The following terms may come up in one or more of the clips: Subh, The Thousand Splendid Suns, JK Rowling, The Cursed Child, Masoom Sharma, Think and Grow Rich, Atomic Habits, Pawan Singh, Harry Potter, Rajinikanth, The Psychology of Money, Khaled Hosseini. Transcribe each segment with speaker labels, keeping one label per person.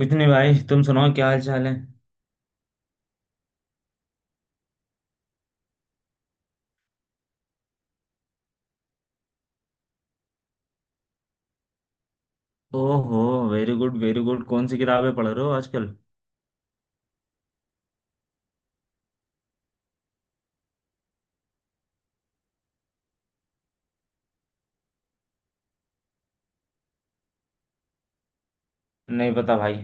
Speaker 1: कुछ नहीं भाई, तुम सुनाओ क्या हाल चाल है। ओहो। वेरी गुड वेरी गुड, कौन सी किताबें पढ़ रहे हो आजकल। नहीं पता भाई।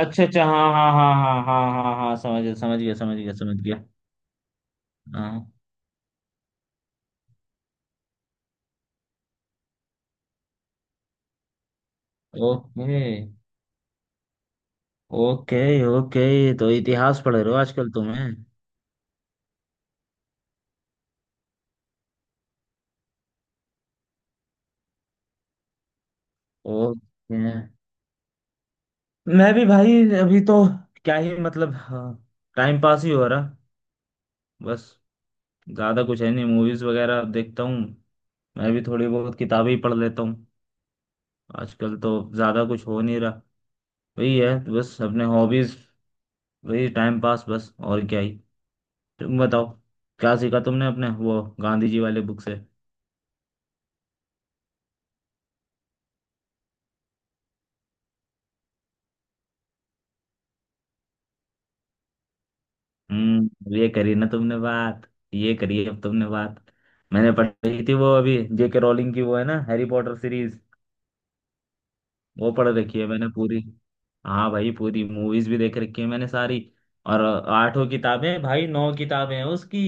Speaker 1: अच्छा अच्छा, हाँ हाँ हाँ हाँ हाँ हाँ हाँ, समझ गया समझ गया समझ गया समझ गया। हाँ। ओके ओके ओके, तो इतिहास पढ़ रहे हो आजकल तुम्हें। ओके। मैं भी भाई, अभी तो क्या ही मतलब, टाइम पास ही हो रहा बस। ज्यादा कुछ है नहीं, मूवीज वगैरह देखता हूँ। मैं भी थोड़ी बहुत किताबें ही पढ़ लेता हूँ। आजकल तो ज्यादा कुछ हो नहीं रहा। वही है तो, बस अपने हॉबीज, वही टाइम पास बस, और क्या ही। तो तुम बताओ, क्या सीखा तुमने अपने वो गांधी जी वाले बुक से। हम्म, ये करी ना तुमने बात। ये करी अब तुमने बात। मैंने पढ़ी थी वो अभी, जेके रोलिंग की वो है ना, हैरी पॉटर सीरीज। वो पढ़ रखी है मैंने पूरी। हाँ भाई, पूरी मूवीज भी देख रखी है मैंने सारी। और आठों किताबें, भाई 9 किताबें हैं उसकी।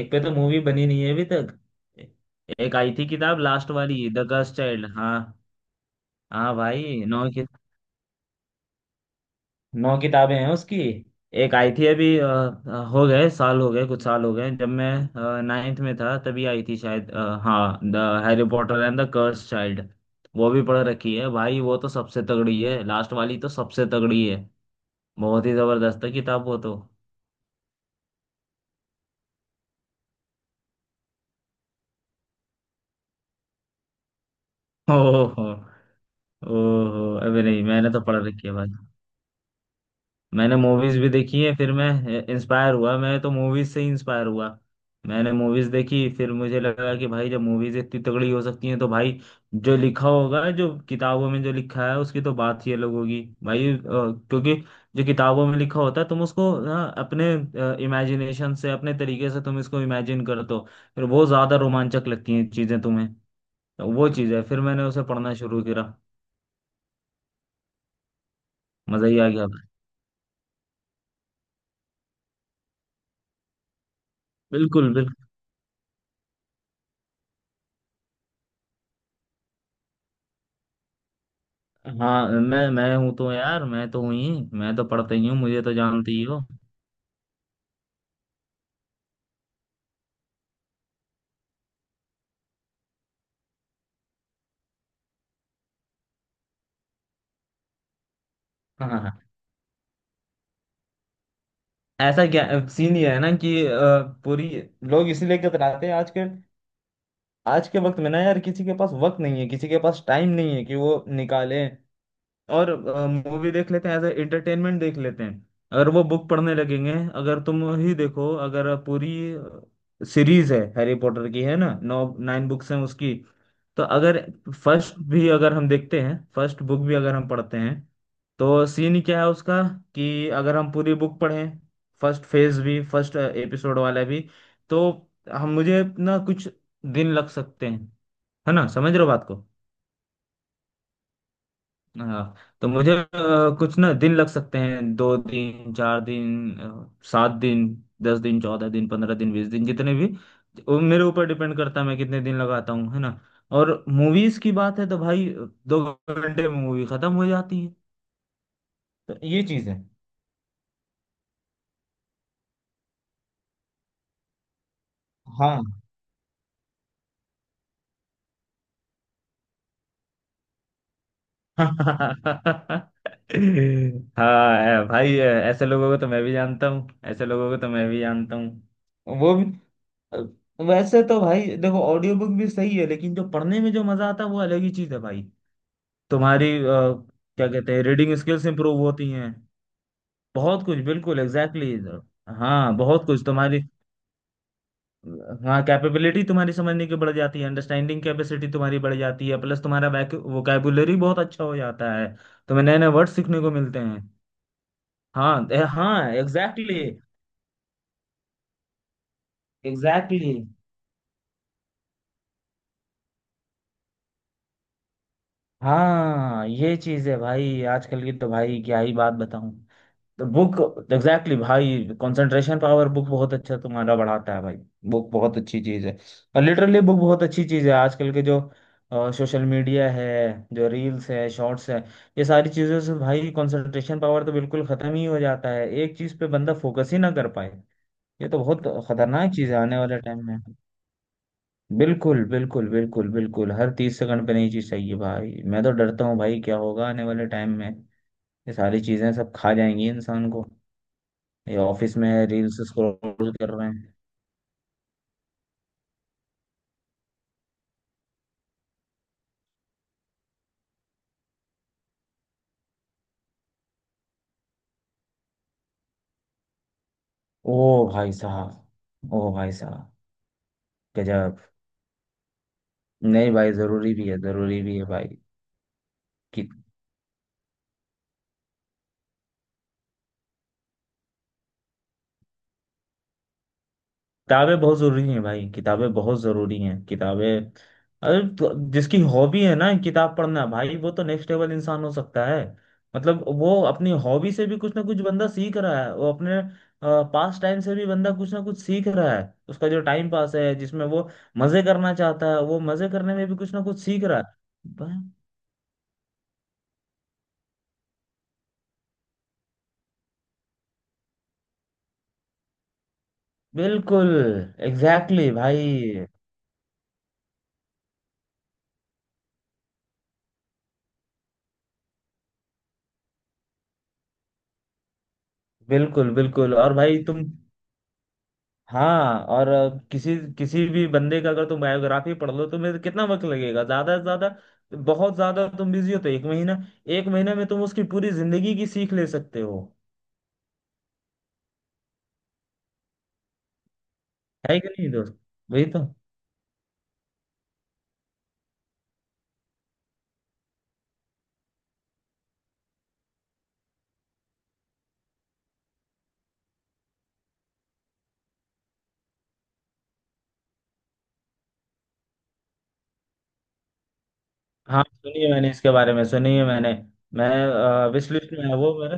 Speaker 1: एक पे तो मूवी बनी नहीं है अभी तक। एक आई थी किताब, लास्ट वाली, द गर्ल्स चाइल्ड। हाँ, हाँ भाई, 9 किताबें हैं उसकी। एक आई थी अभी, हो गए साल, हो गए कुछ साल, हो गए जब मैं 9th में था तभी आई थी शायद हाँ, the Harry Potter and the curse child. वो भी पढ़ रखी है भाई, वो तो सबसे तगड़ी है, लास्ट वाली तो सबसे तगड़ी है। बहुत ही जबरदस्त है किताब वो तो। ओहो, ओहो अबे नहीं, मैंने तो पढ़ रखी है भाई। मैंने मूवीज भी देखी है, फिर मैं इंस्पायर हुआ, मैं तो मूवीज से ही इंस्पायर हुआ। मैंने मूवीज देखी, फिर मुझे लगा कि भाई जब मूवीज इतनी तगड़ी हो सकती हैं तो भाई जो लिखा होगा, जो किताबों में जो लिखा है, उसकी तो बात ही अलग होगी भाई क्योंकि जो किताबों में लिखा होता है तुम उसको ना अपने इमेजिनेशन से, अपने तरीके से तुम इसको इमेजिन करते हो, फिर बहुत ज्यादा रोमांचक लगती हैं चीजें तुम्हें। तो वो चीज है, फिर मैंने उसे पढ़ना शुरू करा, मजा ही आ गया। बिल्कुल। हाँ मैं हूँ तो यार, मैं तो हूँ ही। मैं तो पढ़ता ही हूँ, मुझे तो जानती ही हो। हाँ। ऐसा क्या, सीन ये है ना कि पूरी, लोग इसीलिए कतराते हैं। आज के, आज के वक्त में ना यार, किसी के पास वक्त नहीं है, किसी के पास टाइम नहीं है कि वो निकाले। और मूवी देख लेते हैं एज ए एंटरटेनमेंट, देख लेते हैं। अगर वो बुक पढ़ने लगेंगे, अगर तुम ही देखो, अगर पूरी सीरीज है हैरी पॉटर की, है ना, 9, 9 बुक्स हैं उसकी, तो अगर फर्स्ट भी अगर हम देखते हैं, फर्स्ट बुक भी अगर हम पढ़ते हैं, तो सीन क्या है उसका, कि अगर हम पूरी बुक पढ़ें, फर्स्ट फेज भी, फर्स्ट एपिसोड वाला भी, तो हम, मुझे ना कुछ दिन लग सकते हैं। है ना, समझ रहे हो बात को। हाँ, तो मुझे कुछ ना दिन लग सकते हैं, 2 दिन, 4 दिन, 7 दिन, 10 दिन, 14 दिन, 15 दिन, 20 दिन, जितने भी, वो मेरे ऊपर डिपेंड करता है मैं कितने दिन लगाता हूँ, है ना। और मूवीज की बात है तो भाई 2 घंटे में मूवी खत्म हो जाती है। तो ये चीज है। हाँ। हाँ भाई, ऐसे लोगों को तो मैं भी जानता हूँ, ऐसे लोगों को तो मैं भी जानता हूँ, वो भी। वैसे तो भाई देखो, ऑडियो बुक भी सही है, लेकिन जो पढ़ने में जो मजा आता है वो अलग ही चीज है भाई। तुम्हारी क्या कहते हैं, रीडिंग स्किल्स इंप्रूव होती हैं। बहुत कुछ, बिल्कुल एग्जैक्टली exactly, हाँ बहुत कुछ तुम्हारी, हाँ कैपेबिलिटी तुम्हारी समझने की बढ़ जाती है, अंडरस्टैंडिंग कैपेसिटी तुम्हारी बढ़ जाती है, प्लस तुम्हारा वोकैबुलरी बहुत अच्छा हो जाता है, तुम्हें नए नए वर्ड सीखने को मिलते हैं। हाँ एग्जैक्टली exactly, हाँ ये चीज है भाई आजकल की, तो भाई क्या ही बात बताऊं। तो बुक एग्जैक्टली भाई, कंसंट्रेशन पावर बुक बहुत अच्छा तुम्हारा बढ़ाता है भाई। बुक बहुत अच्छी चीज़ है, और लिटरली बुक बहुत अच्छी चीज़ है। आजकल के जो सोशल मीडिया है, जो रील्स है, शॉर्ट्स है, ये सारी चीज़ों से भाई कंसंट्रेशन पावर तो बिल्कुल ख़त्म ही हो जाता है, एक चीज़ पे बंदा फोकस ही ना कर पाए। ये तो बहुत खतरनाक चीज़ है आने वाले टाइम में। बिल्कुल बिल्कुल बिल्कुल बिल्कुल, हर 30 सेकंड पे नई चीज़ चाहिए भाई। मैं तो डरता हूँ भाई, क्या होगा आने वाले टाइम में, ये सारी चीज़ें सब खा जाएंगी इंसान को। ये ऑफिस में रील्स स्क्रॉल कर रहे हैं। ओ भाई साहब, ओ भाई साहब, गजब। नहीं भाई, जरूरी भी है, जरूरी भी है भाई। किताबें बहुत जरूरी हैं भाई, किताबें बहुत जरूरी हैं, किताबें। अरे तो जिसकी हॉबी है ना किताब पढ़ना, भाई वो तो नेक्स्ट लेवल इंसान हो सकता है। मतलब वो अपनी हॉबी से भी कुछ ना कुछ बंदा सीख रहा है, वो अपने पास टाइम से भी बंदा कुछ ना कुछ सीख रहा है। उसका जो टाइम पास है, जिसमें वो मजे करना चाहता है, वो मजे करने में भी कुछ ना कुछ सीख रहा है। बिल्कुल एग्जैक्टली exactly भाई। बिल्कुल बिल्कुल, और भाई तुम, हाँ और किसी, किसी भी बंदे का अगर तुम बायोग्राफी पढ़ लो, तुम्हें कितना वक्त लगेगा ज्यादा से ज्यादा, बहुत ज्यादा तुम बिजी हो तो एक महीना। एक महीना में तुम उसकी पूरी जिंदगी की सीख ले सकते हो। है कि नहीं दोस्त, वही तो। हाँ सुनिए, मैंने इसके बारे में सुनिए, मैंने, मैं विश लिस्ट में है वो मेरा।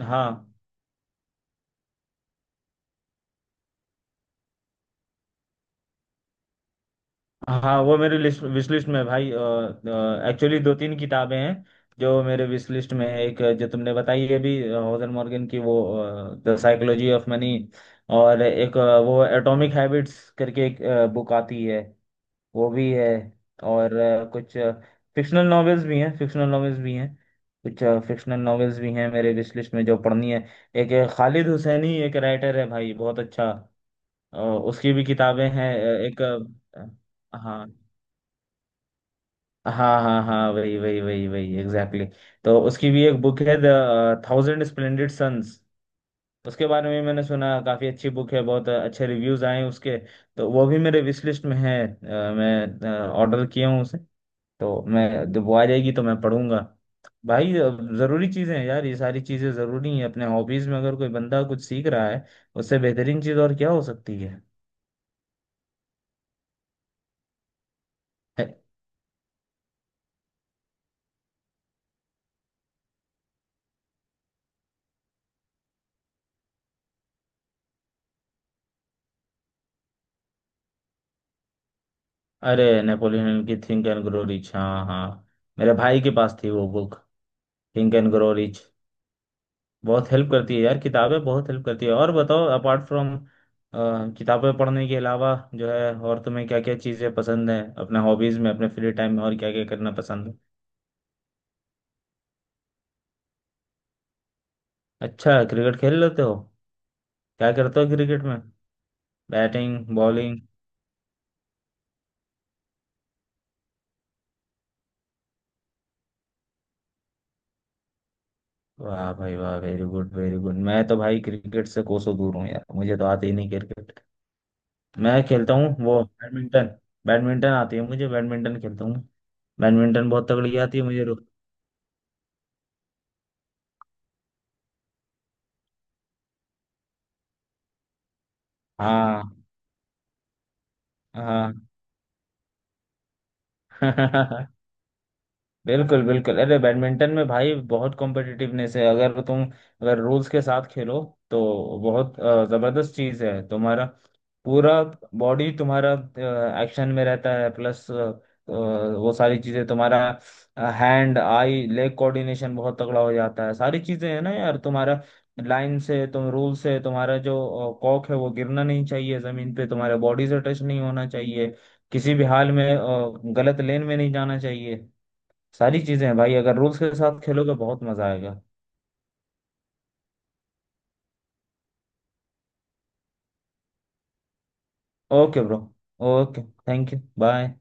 Speaker 1: हाँ। हाँ, वो मेरे लिस्ट, विश लिस्ट में है भाई। एक्चुअली 2-3 किताबें हैं जो मेरे विश लिस्ट में है। एक जो तुमने बताई है भी, होजर मॉर्गन की वो, द साइकोलॉजी ऑफ मनी। और एक वो एटॉमिक हैबिट्स करके एक बुक आती है, वो भी है। और कुछ फिक्शनल नॉवेल्स भी हैं, फिक्शनल नॉवेल्स भी हैं, कुछ फिक्शनल नॉवेल्स भी हैं मेरे विश लिस्ट में जो पढ़नी है। एक खालिद हुसैनी एक राइटर है भाई, बहुत अच्छा। उसकी भी किताबें हैं। एक हाँ हाँ हाँ हाँ वही वही वही वही एग्जैक्टली exactly. तो उसकी भी एक बुक है, द थाउजेंड स्प्लेंडेड सन्स। उसके बारे में मैंने सुना, काफी अच्छी बुक है, बहुत अच्छे रिव्यूज आए हैं उसके। तो वो भी मेरे विश लिस्ट में है, मैं ऑर्डर किया हूँ उसे। तो मैं जब वो आ जाएगी तो मैं पढ़ूंगा। भाई जरूरी चीजें हैं यार, ये सारी चीजें जरूरी हैं। अपने हॉबीज में अगर कोई बंदा कुछ सीख रहा है, उससे बेहतरीन चीज और क्या हो सकती है। है- अरे नेपोलियन की थिंक एंड ग्रो रिच, हाँ हाँ। मेरे भाई के पास थी वो book, think and grow rich. बहुत हेल्प करती है यार किताबें, बहुत हेल्प करती है। और बताओ, अपार्ट फ्रॉम किताबें पढ़ने के अलावा जो है, और तुम्हें क्या क्या चीज़ें पसंद है, अपने हॉबीज में, अपने फ्री टाइम में और क्या क्या करना पसंद है। अच्छा, क्रिकेट खेल लेते हो। क्या करते हो क्रिकेट में, बैटिंग बॉलिंग। वाह भाई वाह, वेरी गुड वेरी गुड, मैं तो भाई क्रिकेट से कोसों दूर हूँ यार, मुझे तो आती ही नहीं क्रिकेट। मैं खेलता हूँ वो बैडमिंटन। बैडमिंटन आती है मुझे, बैडमिंटन खेलता हूँ। बैडमिंटन बहुत तगड़ी आती है मुझे हाँ। हाँ। है। बिल्कुल बिल्कुल, अरे बैडमिंटन में भाई बहुत कॉम्पिटिटिवनेस है, अगर तुम, अगर रूल्स के साथ खेलो तो बहुत जबरदस्त चीज है। तुम्हारा पूरा बॉडी तुम्हारा एक्शन में रहता है, प्लस वो सारी चीजें तुम्हारा, हैंड आई लेग कोऑर्डिनेशन बहुत तगड़ा हो जाता है। सारी चीजें है ना यार, तुम्हारा लाइन से, तुम रूल से, तुम्हारा जो कॉक है वो गिरना नहीं चाहिए जमीन पे, तुम्हारे बॉडी से टच नहीं होना चाहिए किसी भी हाल में, गलत लेन में नहीं जाना चाहिए, सारी चीजें हैं भाई, अगर रूल्स के साथ खेलोगे बहुत मजा आएगा। Okay bro, okay, thank you bye.